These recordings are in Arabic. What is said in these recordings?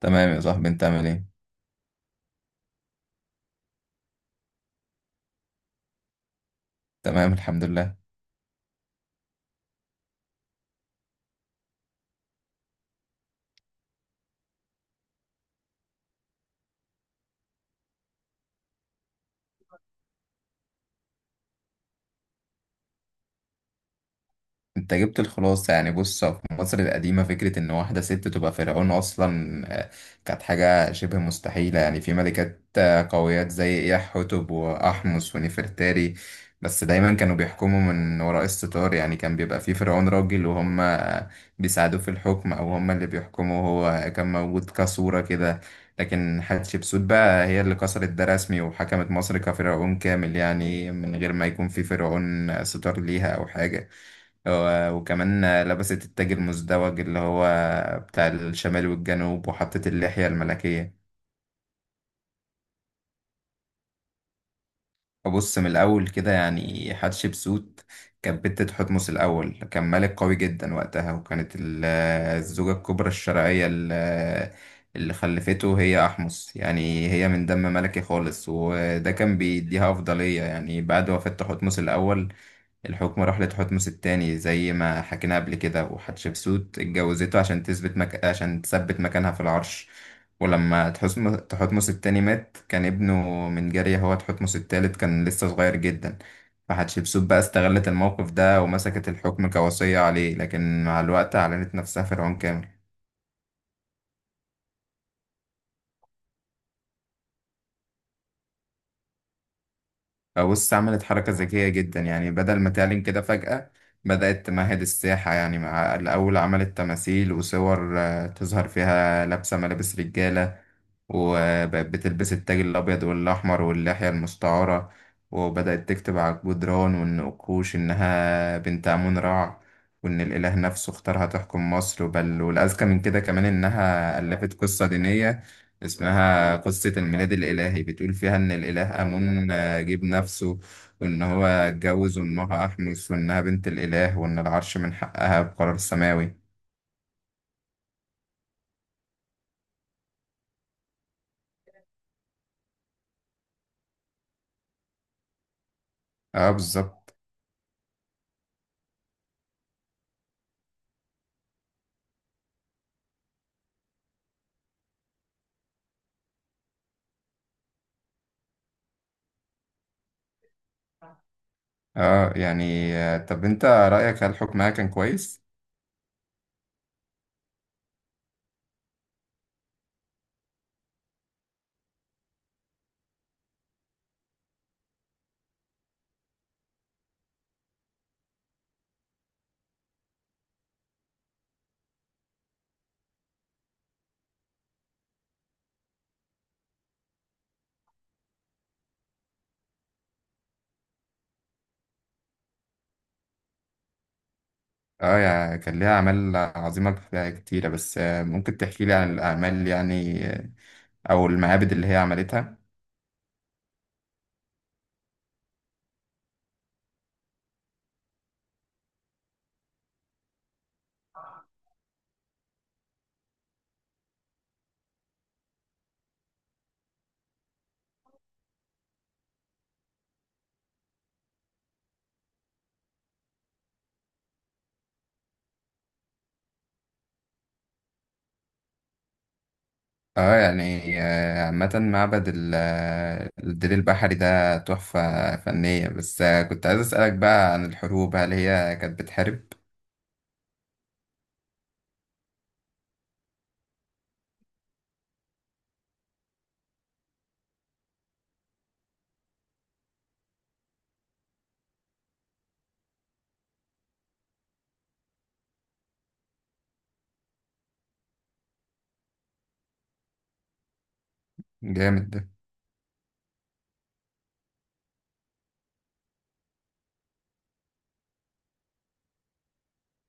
تمام يا صاحبي، انت عامل ايه؟ تمام، الحمد لله. انت جبت الخلاصة، يعني بص، في مصر القديمة فكرة ان واحدة ست تبقى فرعون اصلا كانت حاجة شبه مستحيلة. يعني في ملكات قويات زي إياحتب وأحمس ونفرتاري، بس دايما كانوا بيحكموا من وراء الستار. يعني كان بيبقى في فرعون راجل وهم بيساعدوه في الحكم او هم اللي بيحكموا، هو كان موجود كصورة كده. لكن حتشبسوت بقى هي اللي كسرت ده رسمي وحكمت مصر كفرعون كامل، يعني من غير ما يكون في فرعون ستار ليها او حاجة. وكمان لبست التاج المزدوج اللي هو بتاع الشمال والجنوب، وحطت اللحية الملكية. أبص من الأول كده، يعني حتشبسوت كانت بنت تحتمس الأول. كان ملك قوي جدا وقتها، وكانت الزوجة الكبرى الشرعية اللي خلفته هي أحمس، يعني هي من دم ملكي خالص وده كان بيديها أفضلية. يعني بعد وفاة تحتمس الأول، الحكم راح لتحتمس التاني زي ما حكينا قبل كده، وحتشبسوت اتجوزته عشان تثبت مكانها في العرش. ولما تحتمس التاني مات، كان ابنه من جارية هو تحتمس التالت، كان لسه صغير جدا. فحتشبسوت بقى استغلت الموقف ده ومسكت الحكم كوصية عليه، لكن مع الوقت أعلنت نفسها فرعون كامل. بص، عملت حركة ذكية جدا، يعني بدل ما تعلن كده فجأة بدأت تمهد الساحة. يعني مع الأول عملت تماثيل وصور تظهر فيها لابسة ملابس رجالة، وبقت بتلبس التاج الأبيض والأحمر واللحية المستعارة. وبدأت تكتب على الجدران والنقوش إنها بنت آمون رع، وإن الإله نفسه اختارها تحكم مصر. بل والأذكى من كده كمان إنها ألفت قصة دينية اسمها قصة الميلاد الإلهي، بتقول فيها إن الإله آمون جاب نفسه، وإن هو اتجوز وإمها أحمس، وإنها بنت الإله، وإن العرش من حقها بقرار سماوي. اه، بالظبط. اه يعني، طب انت رأيك هل حكمها كان كويس؟ اه يعني كان ليها أعمال عظيمة كتيرة، بس ممكن تحكي لي عن الأعمال، يعني أو المعابد اللي هي عملتها؟ اه يعني، عامة معبد الدليل البحري ده تحفة فنية. بس كنت عايز أسألك بقى عن الحروب، هل هي كانت بتحارب؟ جامد.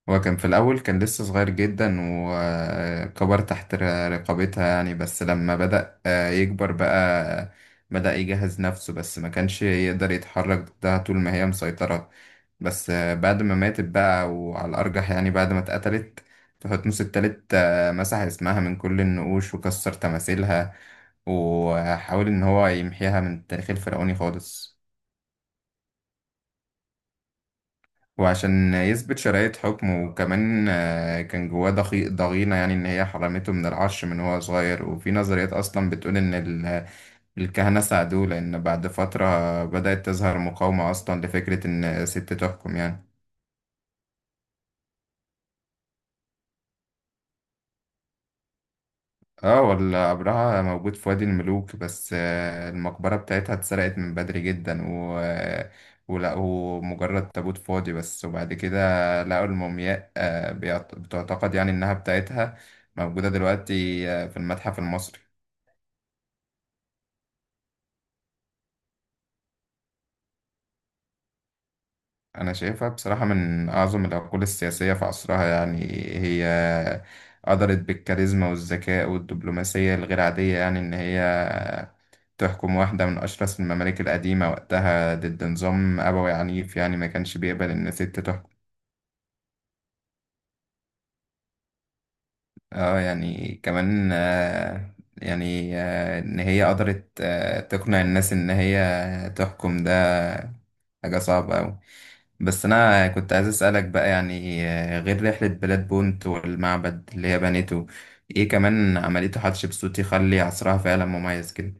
هو كان في الأول كان لسه صغير جدا، وكبر تحت رقابتها يعني، بس لما بدأ يكبر بقى بدأ يجهز نفسه، بس ما كانش يقدر يتحرك ضدها طول ما هي مسيطرة. بس بعد ما ماتت بقى، وعلى الأرجح يعني بعد ما اتقتلت، تحتمس التالت مسح اسمها من كل النقوش وكسر تماثيلها، وحاول إن هو يمحيها من التاريخ الفرعوني خالص. وعشان يثبت شرعية حكمه، وكمان كان جواه ضغينة، يعني إن هي حرمته من العرش من هو صغير. وفي نظريات أصلا بتقول إن الكهنة ساعدوه، لأن بعد فترة بدأت تظهر مقاومة أصلا لفكرة إن ست تحكم يعني. اه، ولا قبرها موجود في وادي الملوك، بس المقبرة بتاعتها اتسرقت من بدري جدا ولقوا مجرد تابوت فاضي بس، وبعد كده لقوا المومياء. بتعتقد يعني إنها بتاعتها موجودة دلوقتي في المتحف المصري. أنا شايفها بصراحة من أعظم العقول السياسية في عصرها، يعني هي قدرت بالكاريزما والذكاء والدبلوماسية الغير عادية، يعني إن هي تحكم واحدة من أشرس الممالك القديمة وقتها ضد نظام أبوي عنيف، يعني ما كانش بيقبل إن ست تحكم. اه يعني كمان، إن هي قدرت تقنع الناس إن هي تحكم، ده حاجة صعبة أوي. بس أنا كنت عايز أسألك بقى، يعني غير رحلة بلاد بونت والمعبد اللي هي بنيته، إيه كمان عملته حتشبسوت يخلي عصرها فعلا مميز كده؟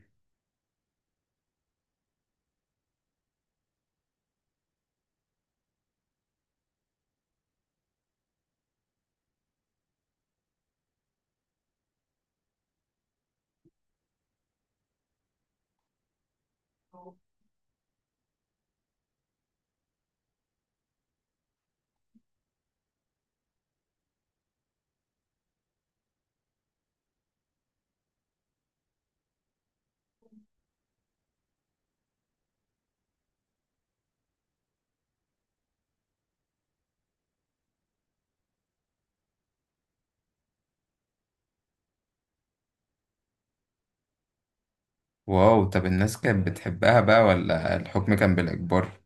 واو، طب الناس كانت بتحبها بقى ولا الحكم كان بالإجبار؟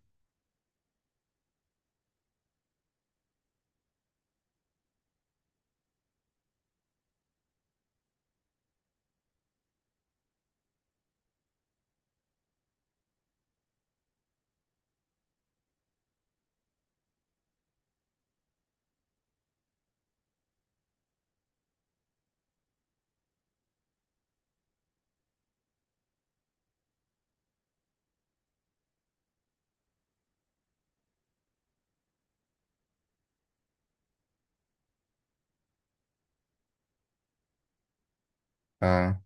آه.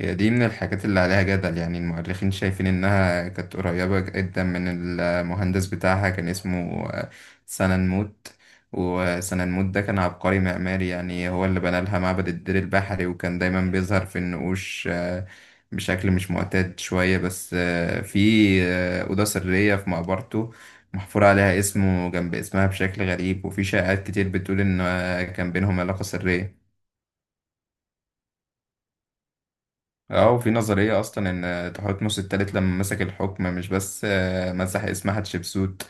هي دي من الحاجات اللي عليها جدل، يعني المؤرخين شايفين إنها كانت قريبة جدا من المهندس بتاعها. كان اسمه سننموت، وسننموت ده كان عبقري معماري، يعني هو اللي بنى لها معبد الدير البحري، وكان دايما بيظهر في النقوش بشكل مش معتاد شوية. بس آه، في آه، أوضة سرية في مقبرته محفور عليها اسمه جنب اسمها بشكل غريب، وفي شائعات كتير بتقول إن كان بينهم علاقة سرية. اه، وفي نظرية أصلا إن تحتمس التالت لما مسك الحكم مش بس مسح اسم حتشبسوت،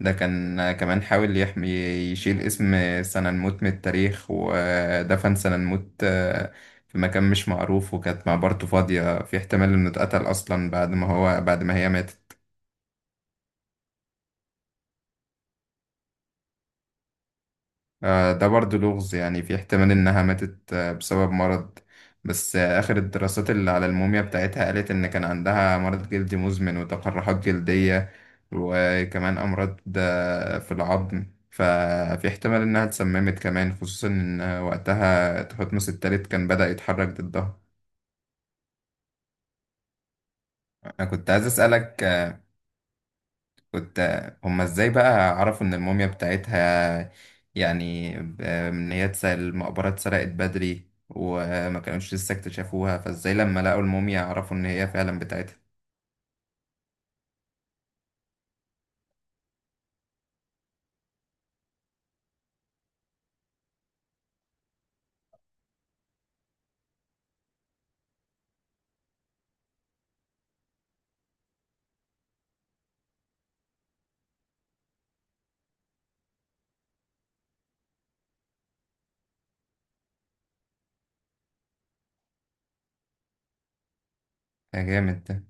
ده كان كمان حاول يشيل اسم سننموت من التاريخ، ودفن سننموت في مقام مش معروف، وكانت مقبرته فاضية. في احتمال إنه اتقتل أصلا بعد ما هو بعد ما هي ماتت. ده برضو لغز، يعني في احتمال إنها ماتت بسبب مرض، بس آخر الدراسات اللي على الموميا بتاعتها قالت إن كان عندها مرض جلدي مزمن وتقرحات جلدية، وكمان أمراض في العظم. ففي احتمال إنها اتسممت كمان، خصوصا إن وقتها تحتمس التالت كان بدأ يتحرك ضدها. أنا كنت عايز أسألك، كنت هما ازاي بقى عرفوا ان الموميا بتاعتها، يعني المقبرة اتسرقت بدري وما كانوش لسه اكتشفوها، فازاي لما لقوا الموميا عرفوا ان هي فعلا بتاعتها؟ يا جامد ده.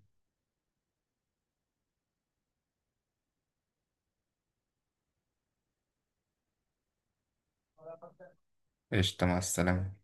قشطة، مع السلامة.